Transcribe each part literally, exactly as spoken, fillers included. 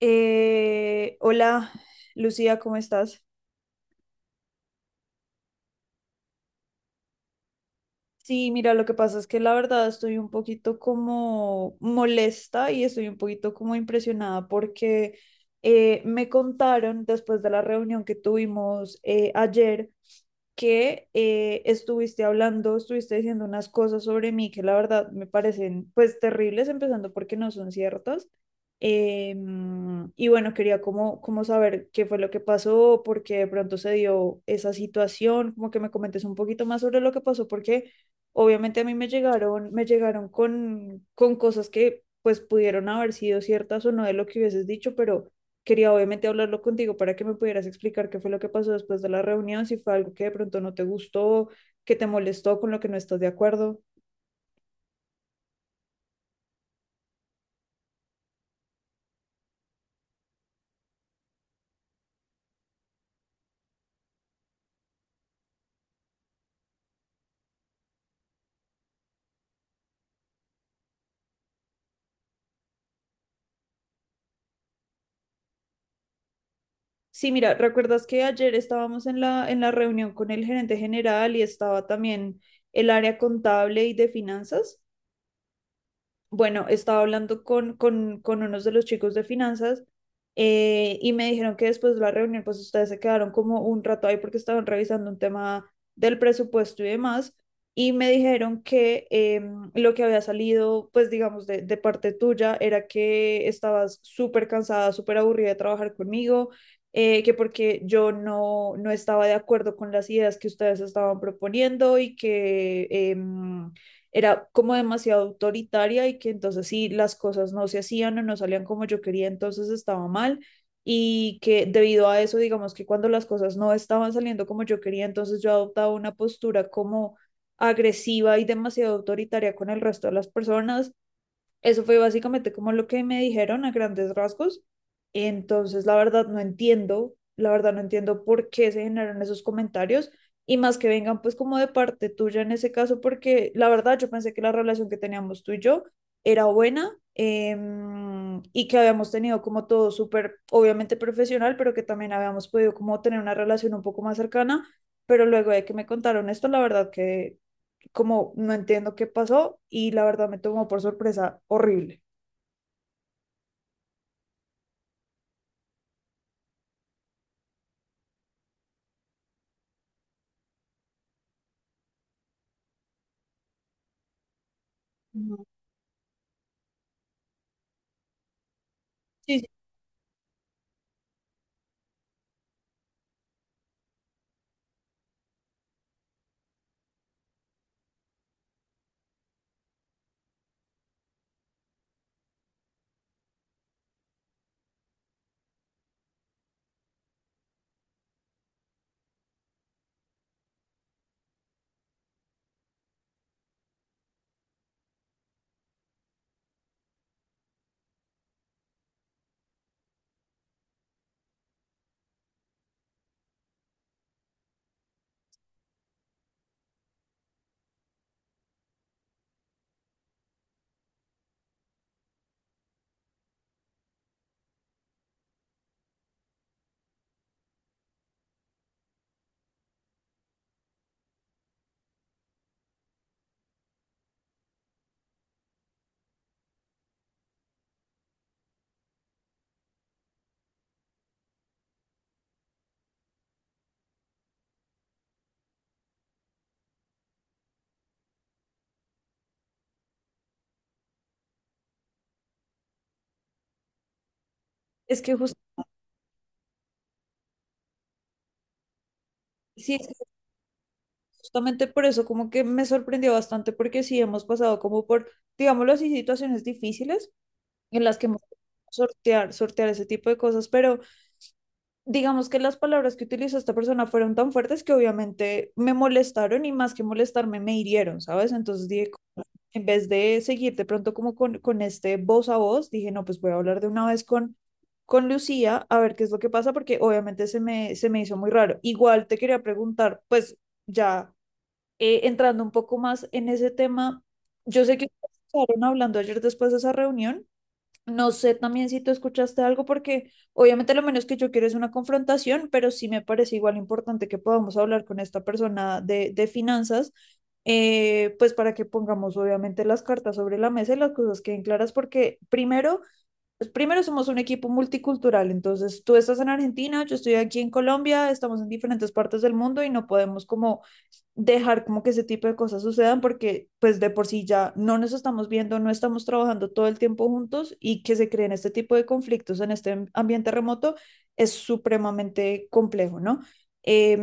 Eh, hola, Lucía, ¿cómo estás? Sí, mira, lo que pasa es que la verdad estoy un poquito como molesta y estoy un poquito como impresionada porque eh, me contaron después de la reunión que tuvimos eh, ayer que eh, estuviste hablando, estuviste diciendo unas cosas sobre mí que la verdad me parecen pues terribles, empezando porque no son ciertas. Eh, y bueno, quería como, como saber qué fue lo que pasó, por qué de pronto se dio esa situación, como que me comentes un poquito más sobre lo que pasó, porque obviamente a mí me llegaron, me llegaron con, con cosas que pues pudieron haber sido ciertas o no de lo que hubieses dicho, pero quería obviamente hablarlo contigo para que me pudieras explicar qué fue lo que pasó después de la reunión, si fue algo que de pronto no te gustó, que te molestó, con lo que no estás de acuerdo. Sí, mira, ¿recuerdas que ayer estábamos en la, en la reunión con el gerente general y estaba también el área contable y de finanzas? Bueno, estaba hablando con, con, con unos de los chicos de finanzas, eh, y me dijeron que después de la reunión, pues ustedes se quedaron como un rato ahí porque estaban revisando un tema del presupuesto y demás. Y me dijeron que em, lo que había salido, pues digamos, de, de parte tuya era que estabas súper cansada, súper aburrida de trabajar conmigo, eh, que porque yo no, no estaba de acuerdo con las ideas que ustedes estaban proponiendo y que... em, era como demasiado autoritaria y que entonces si las cosas no se hacían o no salían como yo quería, entonces estaba mal y que debido a eso, digamos que cuando las cosas no estaban saliendo como yo quería, entonces yo adoptaba una postura como agresiva y demasiado autoritaria con el resto de las personas. Eso fue básicamente como lo que me dijeron a grandes rasgos. Entonces, la verdad no entiendo, la verdad no entiendo por qué se generaron esos comentarios y más que vengan pues como de parte tuya en ese caso, porque la verdad yo pensé que la relación que teníamos tú y yo era buena, em, y que habíamos tenido como todo súper, obviamente profesional, pero que también habíamos podido como tener una relación un poco más cercana, pero luego de que me contaron esto, la verdad que como no entiendo qué pasó y la verdad me tomó por sorpresa horrible. Ujú. Sí, sí, es que jus- sí, es que justamente por eso como que me sorprendió bastante porque sí hemos pasado como por, digámoslo así, situaciones difíciles en las que hemos tenido que sortear, sortear ese tipo de cosas, pero digamos que las palabras que utilizó esta persona fueron tan fuertes que obviamente me molestaron y más que molestarme me hirieron, ¿sabes? Entonces dije, en vez de seguir de pronto como con, con este voz a voz, dije, no, pues voy a hablar de una vez con, con Lucía a ver qué es lo que pasa, porque obviamente se me, se me hizo muy raro. Igual te quería preguntar, pues ya eh, entrando un poco más en ese tema, yo sé que estaban hablando ayer después de esa reunión. No sé también si tú escuchaste algo, porque obviamente lo menos que yo quiero es una confrontación, pero sí me parece igual importante que podamos hablar con esta persona de, de finanzas, eh, pues para que pongamos obviamente las cartas sobre la mesa y las cosas queden claras, porque primero, pues primero somos un equipo multicultural, entonces tú estás en Argentina, yo estoy aquí en Colombia, estamos en diferentes partes del mundo y no podemos como dejar como que ese tipo de cosas sucedan porque pues de por sí ya no nos estamos viendo, no estamos trabajando todo el tiempo juntos y que se creen este tipo de conflictos en este ambiente remoto es supremamente complejo, ¿no? Eh,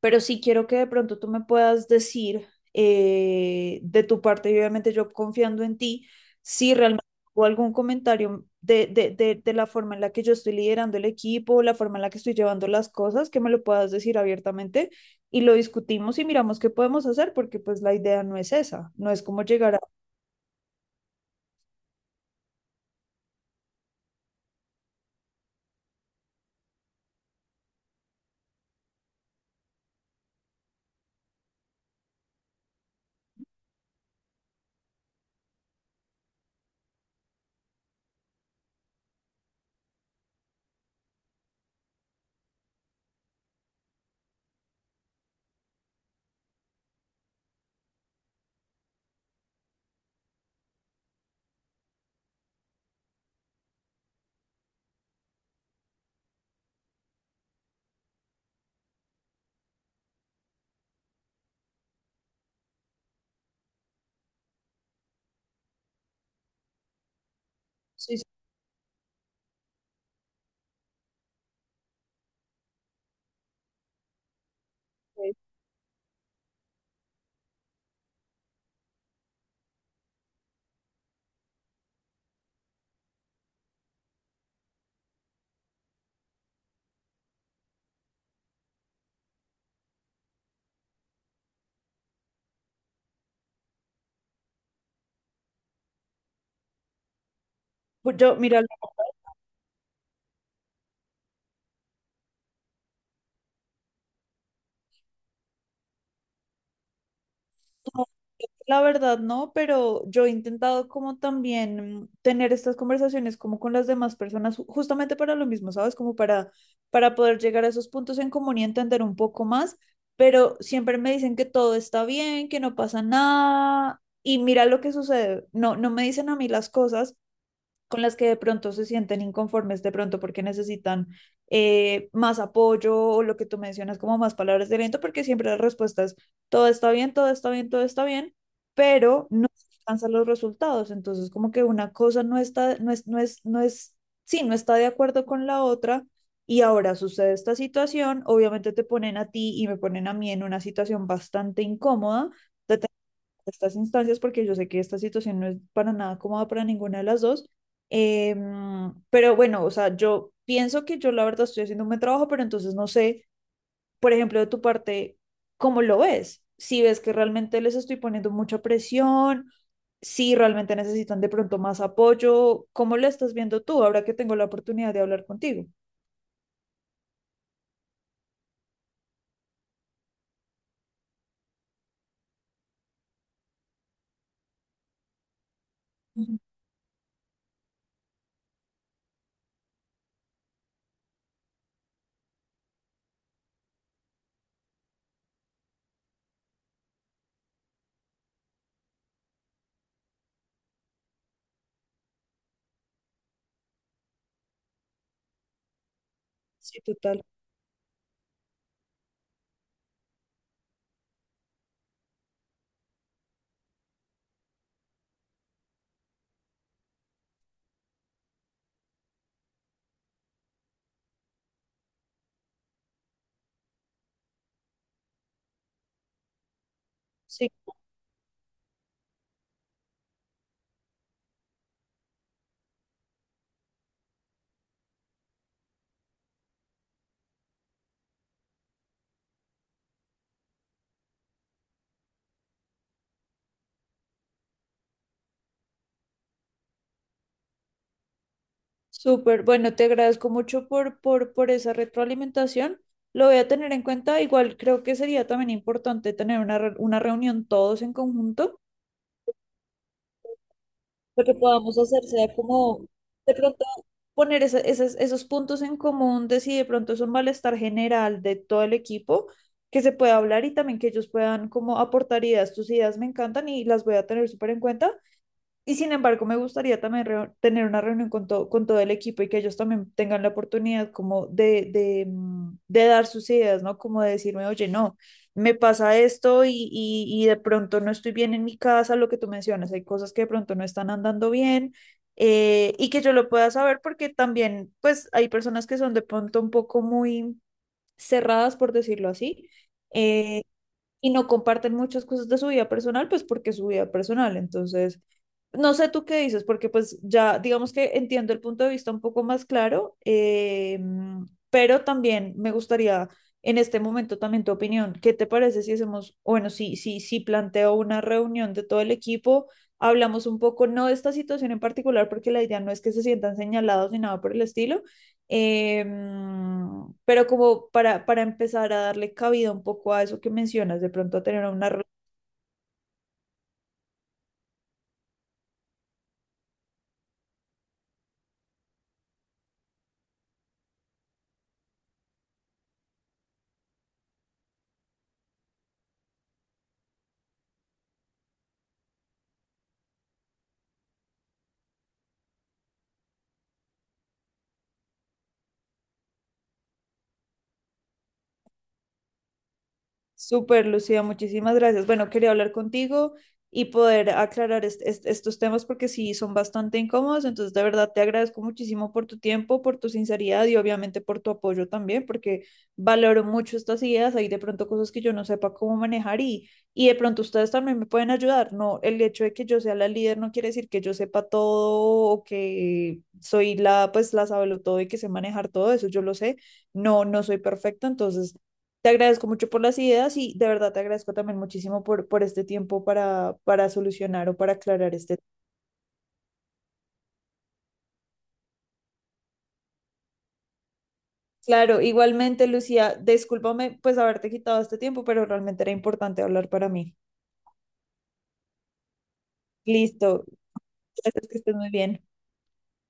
pero sí quiero que de pronto tú me puedas decir, eh, de tu parte, y obviamente yo confiando en ti, si realmente o algún comentario de, de, de, de la forma en la que yo estoy liderando el equipo, la forma en la que estoy llevando las cosas, que me lo puedas decir abiertamente y lo discutimos y miramos qué podemos hacer, porque pues la idea no es esa, no es como llegar a... Sí, sí, sí. Yo, mira, la verdad, no, pero yo he intentado como también mm, tener estas conversaciones como con las demás personas, ju- justamente para lo mismo, ¿sabes? Como para, para poder llegar a esos puntos en común y entender un poco más, pero siempre me dicen que todo está bien, que no pasa nada y mira lo que sucede. No, no me dicen a mí las cosas con las que de pronto se sienten inconformes, de pronto porque necesitan eh, más apoyo o lo que tú mencionas como más palabras de aliento, porque siempre las respuestas, todo está bien, todo está bien, todo está bien, pero no se alcanzan los resultados. Entonces, como que una cosa no está, no es, no es, no es, sí, no está de acuerdo con la otra. Y ahora sucede esta situación, obviamente te ponen a ti y me ponen a mí en una situación bastante incómoda, de estas instancias, porque yo sé que esta situación no es para nada cómoda para ninguna de las dos. Em, pero bueno, o sea, yo pienso que yo la verdad estoy haciendo un buen trabajo, pero entonces no sé, por ejemplo, de tu parte, ¿cómo lo ves? Si ves que realmente les estoy poniendo mucha presión, si realmente necesitan de pronto más apoyo, ¿cómo lo estás viendo tú ahora que tengo la oportunidad de hablar contigo? Ujú. Sí, total. Sí. Súper, bueno, te agradezco mucho por, por, por esa retroalimentación. Lo voy a tener en cuenta. Igual creo que sería también importante tener una, re- una reunión todos en conjunto. Lo que podamos hacer sea como de pronto poner esa- esas- esos puntos en común de si de pronto es un malestar general de todo el equipo, que se pueda hablar y también que ellos puedan como aportar ideas. Tus ideas me encantan y las voy a tener súper en cuenta. Y sin embargo, me gustaría también reu- tener una reunión con, to- con todo el equipo y que ellos también tengan la oportunidad como de, de, mm, de dar sus ideas, ¿no? Como de decirme, oye, no, me pasa esto y, y, y de pronto no estoy bien en mi casa, lo que tú mencionas, hay cosas que de pronto no están andando bien, eh, y que yo lo pueda saber porque también, pues, hay personas que son de pronto un poco muy cerradas, por decirlo así. eh, y no comparten muchas cosas de su vida personal, pues porque es su vida personal. Entonces, no sé tú qué dices, porque pues ya digamos que entiendo el punto de vista un poco más claro, eh, pero también me gustaría en este momento también tu opinión. ¿Qué te parece si hacemos, bueno, si, si, si planteo una reunión de todo el equipo, hablamos un poco, no de esta situación en particular, porque la idea no es que se sientan señalados ni nada por el estilo, eh, pero como para, para empezar a darle cabida un poco a eso que mencionas, de pronto a tener una... Súper, Lucía, muchísimas gracias. Bueno, quería hablar contigo y poder aclarar est- est- estos temas porque sí son bastante incómodos. Entonces, de verdad, te agradezco muchísimo por tu tiempo, por tu sinceridad y obviamente por tu apoyo también, porque valoro mucho estas ideas. Hay de pronto cosas que yo no sepa cómo manejar y, y de pronto ustedes también me pueden ayudar. No, el hecho de que yo sea la líder no quiere decir que yo sepa todo o que soy la, pues, la todo y que sé manejar todo eso. Yo lo sé. No, no soy perfecta, entonces te agradezco mucho por las ideas y de verdad te agradezco también muchísimo por, por este tiempo para, para solucionar o para aclarar este. Claro, igualmente, Lucía, discúlpame pues haberte quitado este tiempo, pero realmente era importante hablar para mí. Listo, gracias, que estés muy bien.